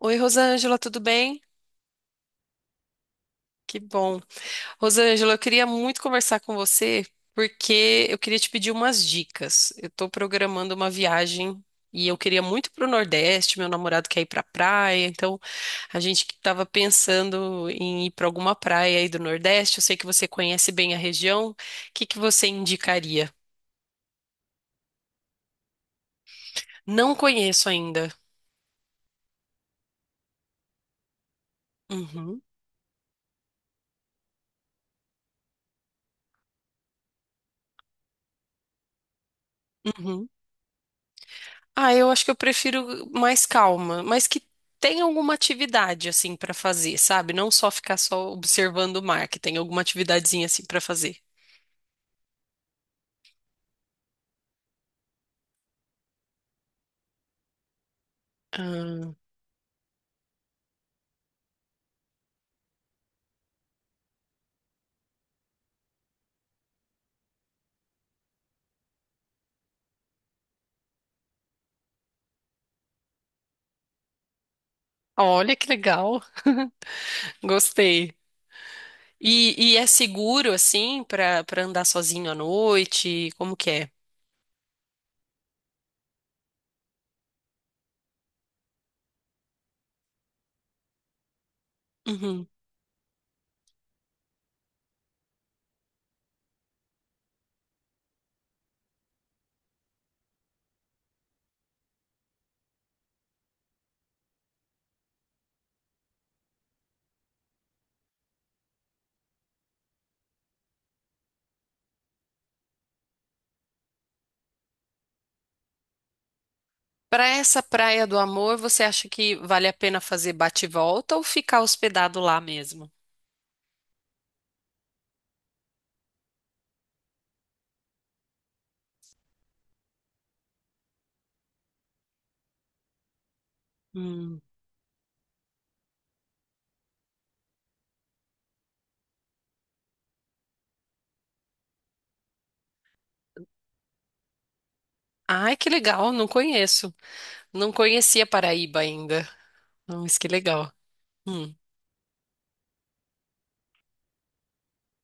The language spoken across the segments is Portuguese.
Oi, Rosângela, tudo bem? Que bom. Rosângela, eu queria muito conversar com você porque eu queria te pedir umas dicas. Eu estou programando uma viagem e eu queria muito para o Nordeste. Meu namorado quer ir para praia, então a gente estava pensando em ir para alguma praia aí do Nordeste. Eu sei que você conhece bem a região. O que que você indicaria? Não conheço ainda. Uhum, uhum. Ah, eu acho que eu prefiro mais calma, mas que tenha alguma atividade assim pra fazer, sabe? Não só ficar só observando o mar, que tenha alguma atividadezinha assim pra fazer. Ah, olha que legal. Gostei. E é seguro assim pra para andar sozinho à noite? Como que é? Uhum. Para essa Praia do Amor, você acha que vale a pena fazer bate-volta ou ficar hospedado lá mesmo? Hum. Ai, que legal, não conheço. Não conhecia Paraíba ainda. Nossa, que legal. Hum.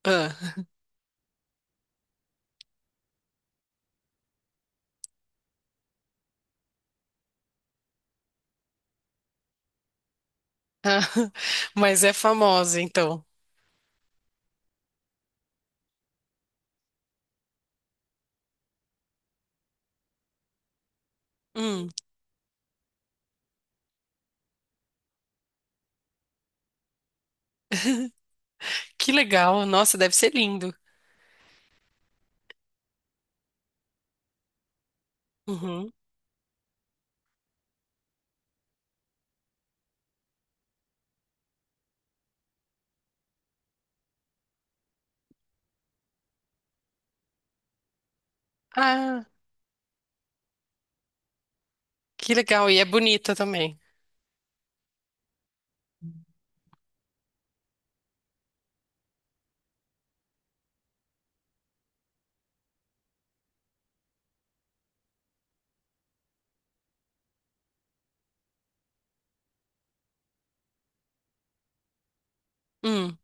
Ah. Ah. Mas é famosa, então. Hum. Que legal. Nossa, deve ser lindo. Uhum. Ah, que legal. E é bonita também. Hum.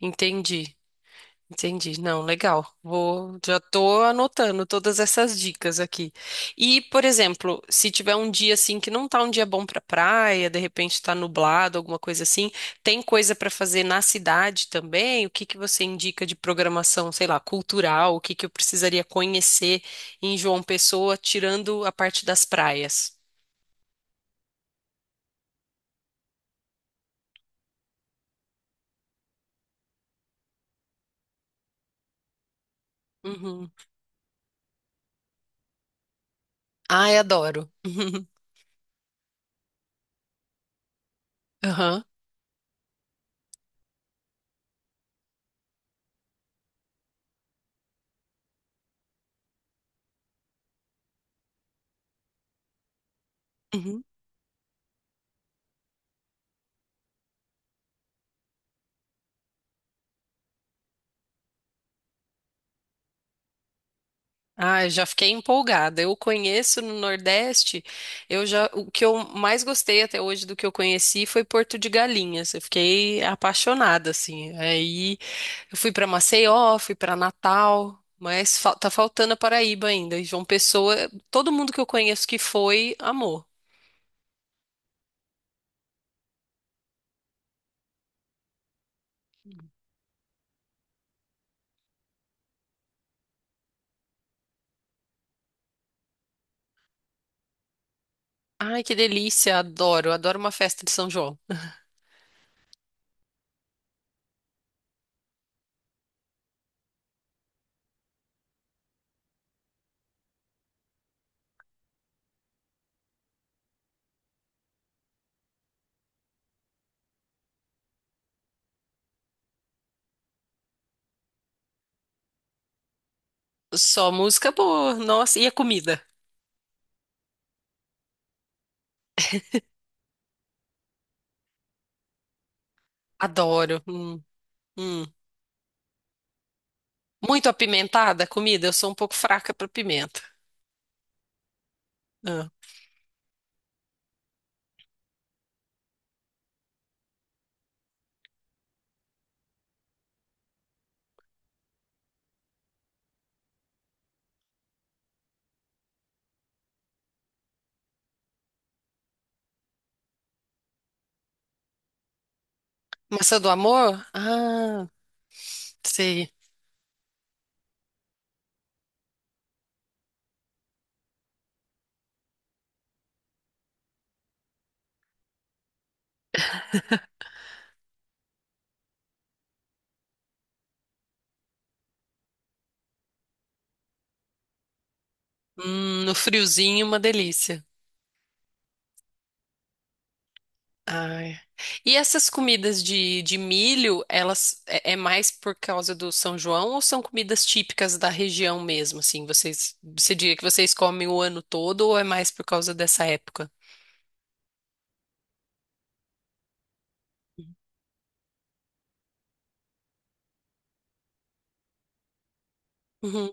Entendi. Entendi. Não, legal. Vou, já tô anotando todas essas dicas aqui. E, por exemplo, se tiver um dia assim que não tá um dia bom pra praia, de repente tá nublado, alguma coisa assim, tem coisa pra fazer na cidade também? O que que você indica de programação, sei lá, cultural? O que que eu precisaria conhecer em João Pessoa, tirando a parte das praias? Uhum. Ai, adoro. Aham. Uhum. Ah, já fiquei empolgada. Eu conheço no Nordeste, eu já, o que eu mais gostei até hoje do que eu conheci foi Porto de Galinhas. Eu fiquei apaixonada assim. Aí eu fui para Maceió, fui para Natal, mas fal- tá faltando a Paraíba ainda. E João Pessoa, todo mundo que eu conheço que foi, amou. Ai, que delícia, adoro, adoro uma festa de São João. Só música boa, nossa, e a comida? Adoro. Hum. Muito apimentada a comida, eu sou um pouco fraca para pimenta. Ah, maçã do amor? Ah, sei. No friozinho, uma delícia. Ai. E essas comidas de milho, elas é, é mais por causa do São João ou são comidas típicas da região mesmo? Assim, vocês, você diria que vocês comem o ano todo ou é mais por causa dessa época? Uhum.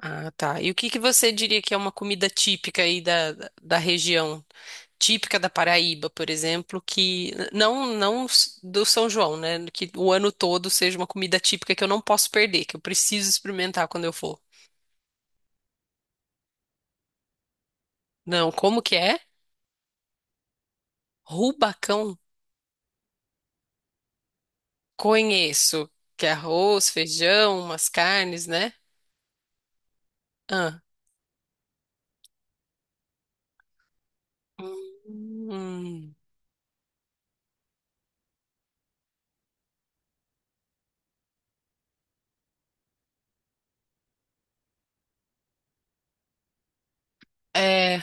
Ah, tá. E o que que você diria que é uma comida típica aí da região? Típica da Paraíba, por exemplo, que não s- do São João, né? Que o ano todo seja uma comida típica que eu não posso perder, que eu preciso experimentar quando eu for. Não, como que é? Rubacão, conheço, que é arroz, feijão, umas carnes, né? Ah. Hum. É,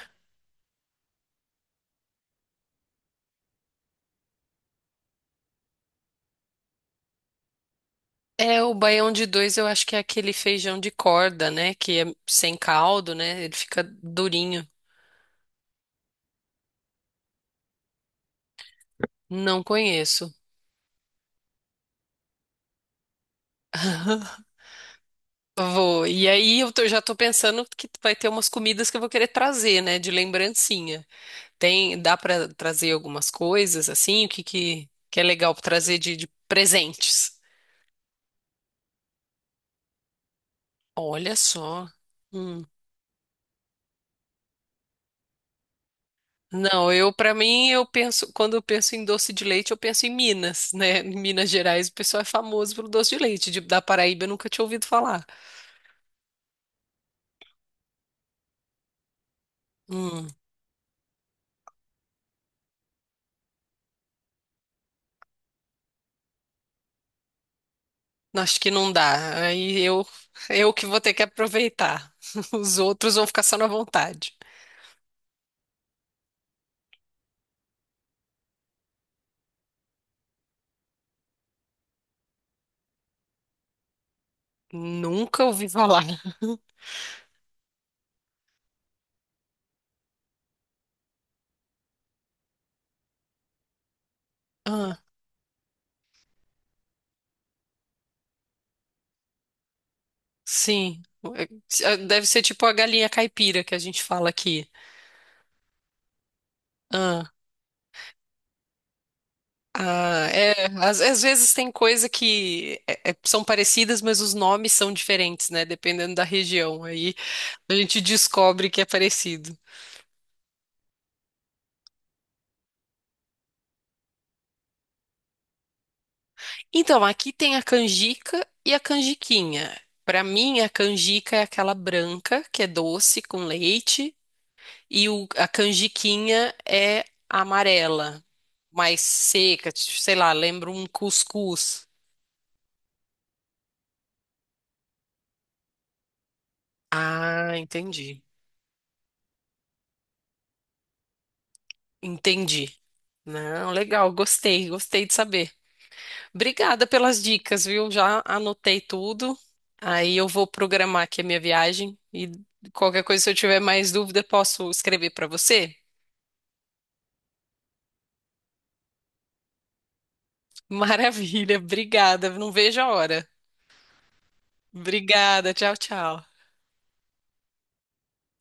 é o baião de dois, eu acho que é aquele feijão de corda, né? Que é sem caldo, né? Ele fica durinho. Não conheço. Vou. E aí eu tô- já tô pensando que vai ter umas comidas que eu vou querer trazer, né, de lembrancinha. Tem, dá pra trazer algumas coisas assim, o que que é legal pra trazer de presentes? Olha só. Hum. Não, eu pra mim eu penso, quando eu penso em doce de leite, eu penso em Minas, né? Em Minas Gerais, o pessoal é famoso pelo doce de leite. De- da Paraíba eu nunca tinha ouvido falar. Hum, acho que não dá. Aí eu que vou ter que aproveitar. Os outros vão ficar só na vontade. Nunca ouvi falar. Ah, sim. É, deve ser tipo a galinha caipira que a gente fala aqui. Ah, ah, é, às, às vezes tem coisa que é- é- são parecidas, mas os nomes são diferentes, né? Dependendo da região. Aí a gente descobre que é parecido. Então, aqui tem a canjica e a canjiquinha. Para mim, a canjica é aquela branca, que é doce, com leite. E o- a canjiquinha é amarela, mais seca, tipo, sei lá, lembra um cuscuz. Ah, entendi. Entendi. Não, legal, gostei, gostei de saber. Obrigada pelas dicas, viu? Já anotei tudo. Aí eu vou programar aqui a minha viagem e qualquer coisa, se eu tiver mais dúvida, posso escrever para você? Maravilha, obrigada. Não vejo a hora. Obrigada, tchau, tchau.